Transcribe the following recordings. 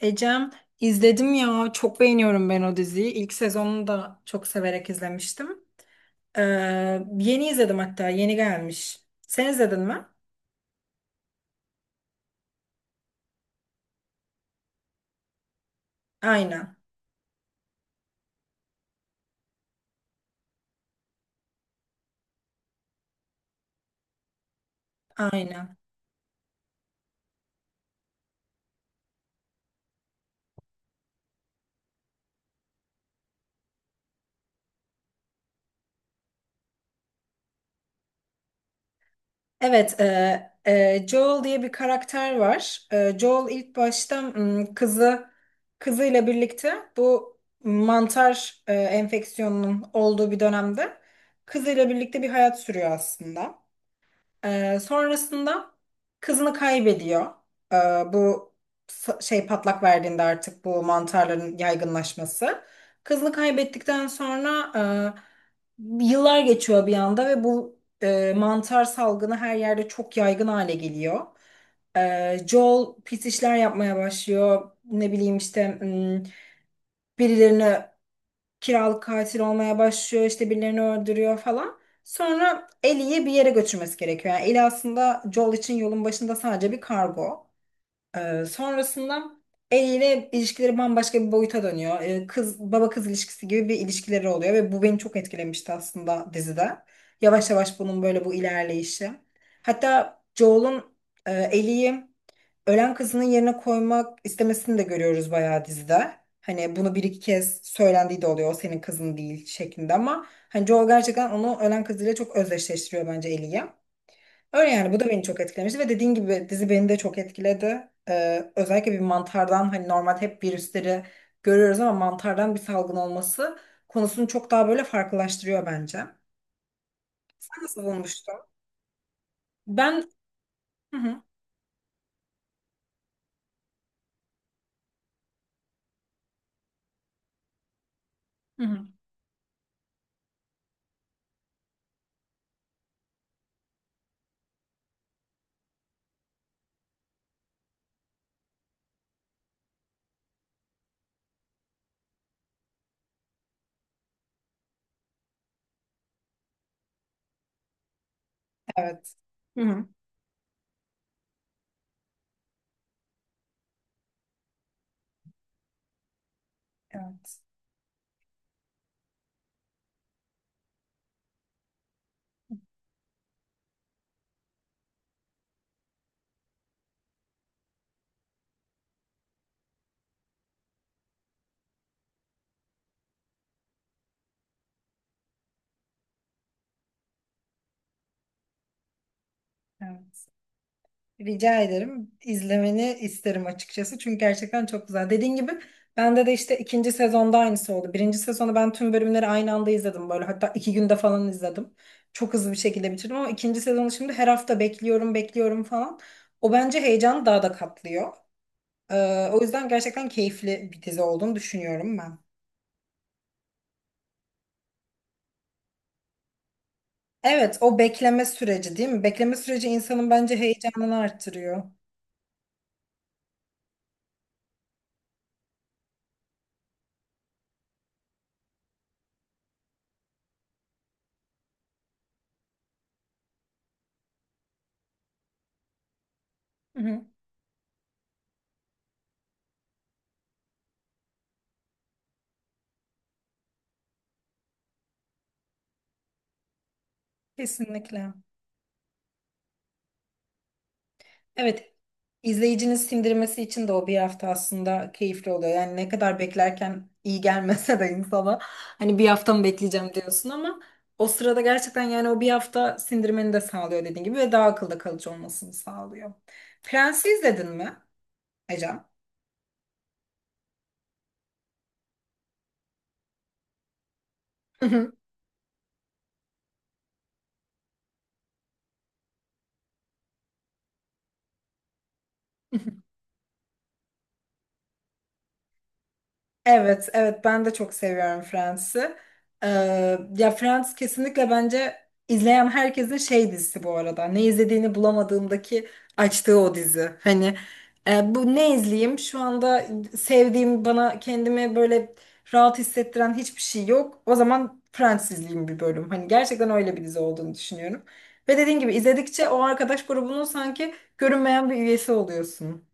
Ecem, izledim ya, çok beğeniyorum ben o diziyi. İlk sezonunu da çok severek izlemiştim. Ee, Yeni izledim, hatta yeni gelmiş. Sen izledin mi? Aynen. Aynen. Evet, Joel diye bir karakter var. Joel ilk başta kızıyla birlikte bu mantar enfeksiyonunun olduğu bir dönemde kızıyla birlikte bir hayat sürüyor aslında. Sonrasında kızını kaybediyor. Ee, bu Şey, patlak verdiğinde artık bu mantarların yaygınlaşması. Kızını kaybettikten sonra yıllar geçiyor bir anda ve bu mantar salgını her yerde çok yaygın hale geliyor. Joel pis işler yapmaya başlıyor. Ne bileyim işte, birilerini kiralık katil olmaya başlıyor, işte birilerini öldürüyor falan. Sonra Ellie'yi bir yere götürmesi gerekiyor. Yani Ellie aslında Joel için yolun başında sadece bir kargo. Sonrasında Ellie ile ilişkileri bambaşka bir boyuta dönüyor. Kız, baba kız ilişkisi gibi bir ilişkileri oluyor ve bu beni çok etkilemişti aslında dizide. Yavaş yavaş bunun böyle bu ilerleyişi. Hatta Joel'un Ellie'yi ölen kızının yerine koymak istemesini de görüyoruz bayağı dizide. Hani bunu bir iki kez söylendiği de oluyor. O senin kızın değil şeklinde, ama hani Joel gerçekten onu ölen kızıyla çok özdeşleştiriyor bence, Ellie'yi. Öyle yani, bu da beni çok etkilemişti ve dediğin gibi dizi beni de çok etkiledi. Özellikle bir mantardan, hani normal hep virüsleri görüyoruz ama mantardan bir salgın olması konusunu çok daha böyle farklılaştırıyor bence. Sen nasıl bulmuştun? Ben. Hı hı, hı hı. Evet. Hı hı. Evet. Evet. Rica ederim. İzlemeni isterim açıkçası. Çünkü gerçekten çok güzel. Dediğin gibi bende de işte ikinci sezonda aynısı oldu. Birinci sezonu ben tüm bölümleri aynı anda izledim böyle. Hatta iki günde falan izledim. Çok hızlı bir şekilde bitirdim ama ikinci sezonu şimdi her hafta bekliyorum, bekliyorum falan. O bence heyecanı daha da katlıyor. O yüzden gerçekten keyifli bir dizi olduğunu düşünüyorum ben. Evet, o bekleme süreci değil mi? Bekleme süreci insanın bence heyecanını arttırıyor. Hı hı, kesinlikle. Evet, izleyicinin sindirmesi için de o bir hafta aslında keyifli oluyor. Yani ne kadar beklerken iyi gelmese de insana, hani bir hafta mı bekleyeceğim diyorsun, ama o sırada gerçekten yani o bir hafta sindirmeni de sağlıyor dediğin gibi ve daha akılda kalıcı olmasını sağlıyor. Prens'i izledin mi Ecem? Evet, evet, ben de çok seviyorum Friends'i. Ya, Friends kesinlikle bence izleyen herkesin şey dizisi bu arada. Ne izlediğini bulamadığındaki açtığı o dizi. Hani bu, ne izleyeyim? Şu anda sevdiğim, bana kendimi böyle rahat hissettiren hiçbir şey yok. O zaman Friends izleyeyim bir bölüm. Hani gerçekten öyle bir dizi olduğunu düşünüyorum. Ve dediğin gibi izledikçe o arkadaş grubunun sanki görünmeyen bir üyesi oluyorsun.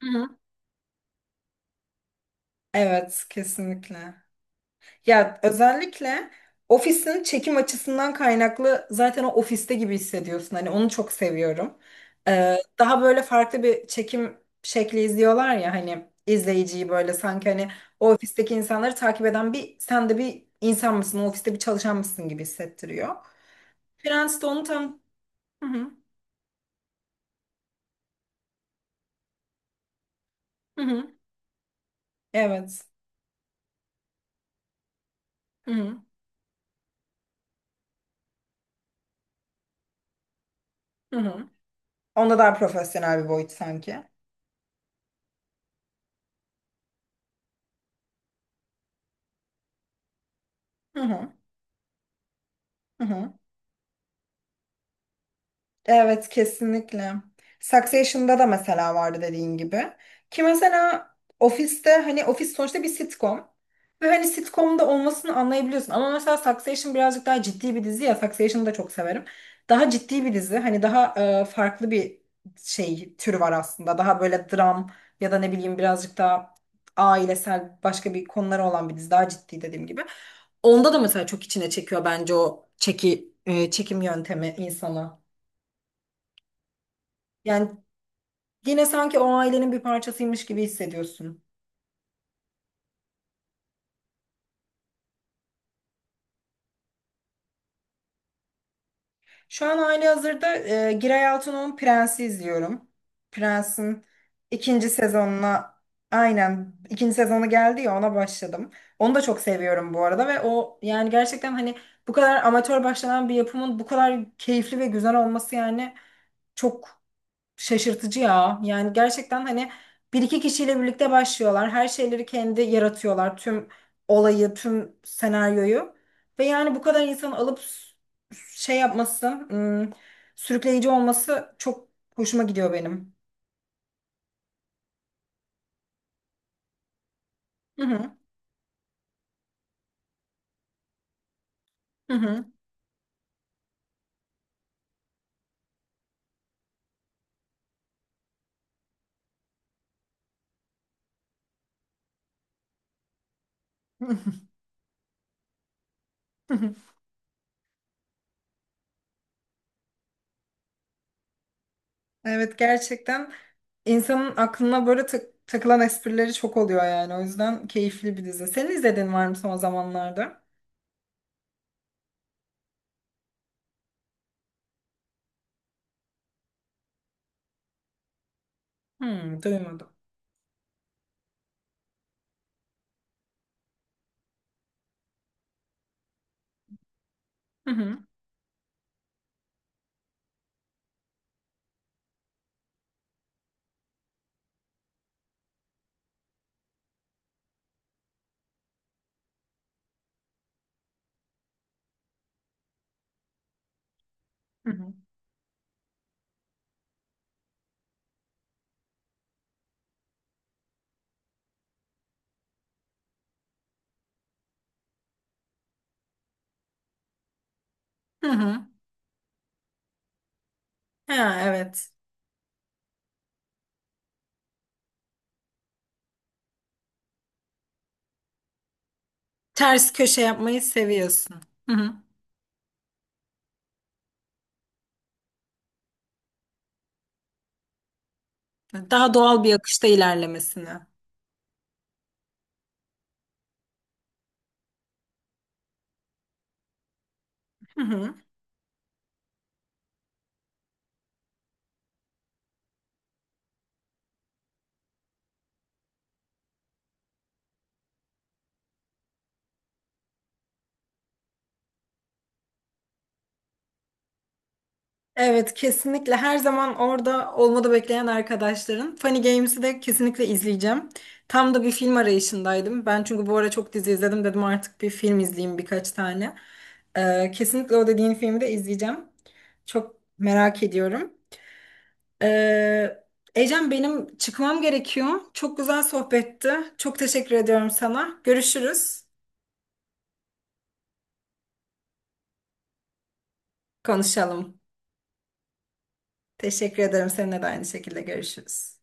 Hı hı. Evet, kesinlikle. Ya özellikle ofisin çekim açısından kaynaklı zaten o ofiste gibi hissediyorsun. Hani onu çok seviyorum. Daha böyle farklı bir çekim şekli izliyorlar ya, hani izleyiciyi böyle sanki hani o ofisteki insanları takip eden bir, sen de bir insan mısın, o ofiste bir çalışan mısın gibi hissettiriyor. Prens de onu tam. Hı hı, hı hı, evet. Hı hı, hı hı. Onda daha profesyonel bir boyut sanki. Hı hı, hı hı. Evet, kesinlikle. Succession'da da mesela vardı dediğin gibi. Ki mesela ofiste, hani ofis sonuçta bir sitcom. Ve hani sitcom'da olmasını anlayabiliyorsun. Ama mesela Succession birazcık daha ciddi bir dizi ya. Succession'ı da çok severim. Daha ciddi bir dizi. Hani daha farklı bir şey türü var aslında. Daha böyle dram ya da ne bileyim birazcık daha ailesel, başka bir konuları olan bir dizi. Daha ciddi, dediğim gibi. Onda da mesela çok içine çekiyor bence o çekim yöntemi insana. Yani yine sanki o ailenin bir parçasıymış gibi hissediyorsun. Şu an halihazırda Giray Altun'un Prens'i izliyorum. Prens'in ikinci sezonuna, aynen, ikinci sezonu geldi ya, ona başladım. Onu da çok seviyorum bu arada ve o yani gerçekten, hani bu kadar amatör başlanan bir yapımın bu kadar keyifli ve güzel olması yani çok şaşırtıcı ya. Yani gerçekten hani bir iki kişiyle birlikte başlıyorlar. Her şeyleri kendi yaratıyorlar. Tüm olayı, tüm senaryoyu. Ve yani bu kadar insan alıp şey yapması, sürükleyici olması çok hoşuma gidiyor benim. Hı hı. Hı hı. Evet, gerçekten insanın aklına böyle takılan esprileri çok oluyor yani. O yüzden keyifli bir dizi. Senin izlediğin var mı son zamanlarda? Hmm, duymadım. Hı hı. Hı hı. Hı hı. Ha, evet. Ters köşe yapmayı seviyorsun. Hı hı. Daha doğal bir akışta ilerlemesini. Hı hı. Evet, kesinlikle, her zaman orada olmadı bekleyen arkadaşların. Funny Games'i de kesinlikle izleyeceğim. Tam da bir film arayışındaydım. Ben çünkü bu ara çok dizi izledim, dedim artık bir film izleyeyim birkaç tane. Kesinlikle o dediğin filmi de izleyeceğim. Çok merak ediyorum. Ee, Ecem, benim çıkmam gerekiyor. Çok güzel sohbetti. Çok teşekkür ediyorum sana. Görüşürüz. Konuşalım. Teşekkür ederim. Seninle de aynı şekilde, görüşürüz.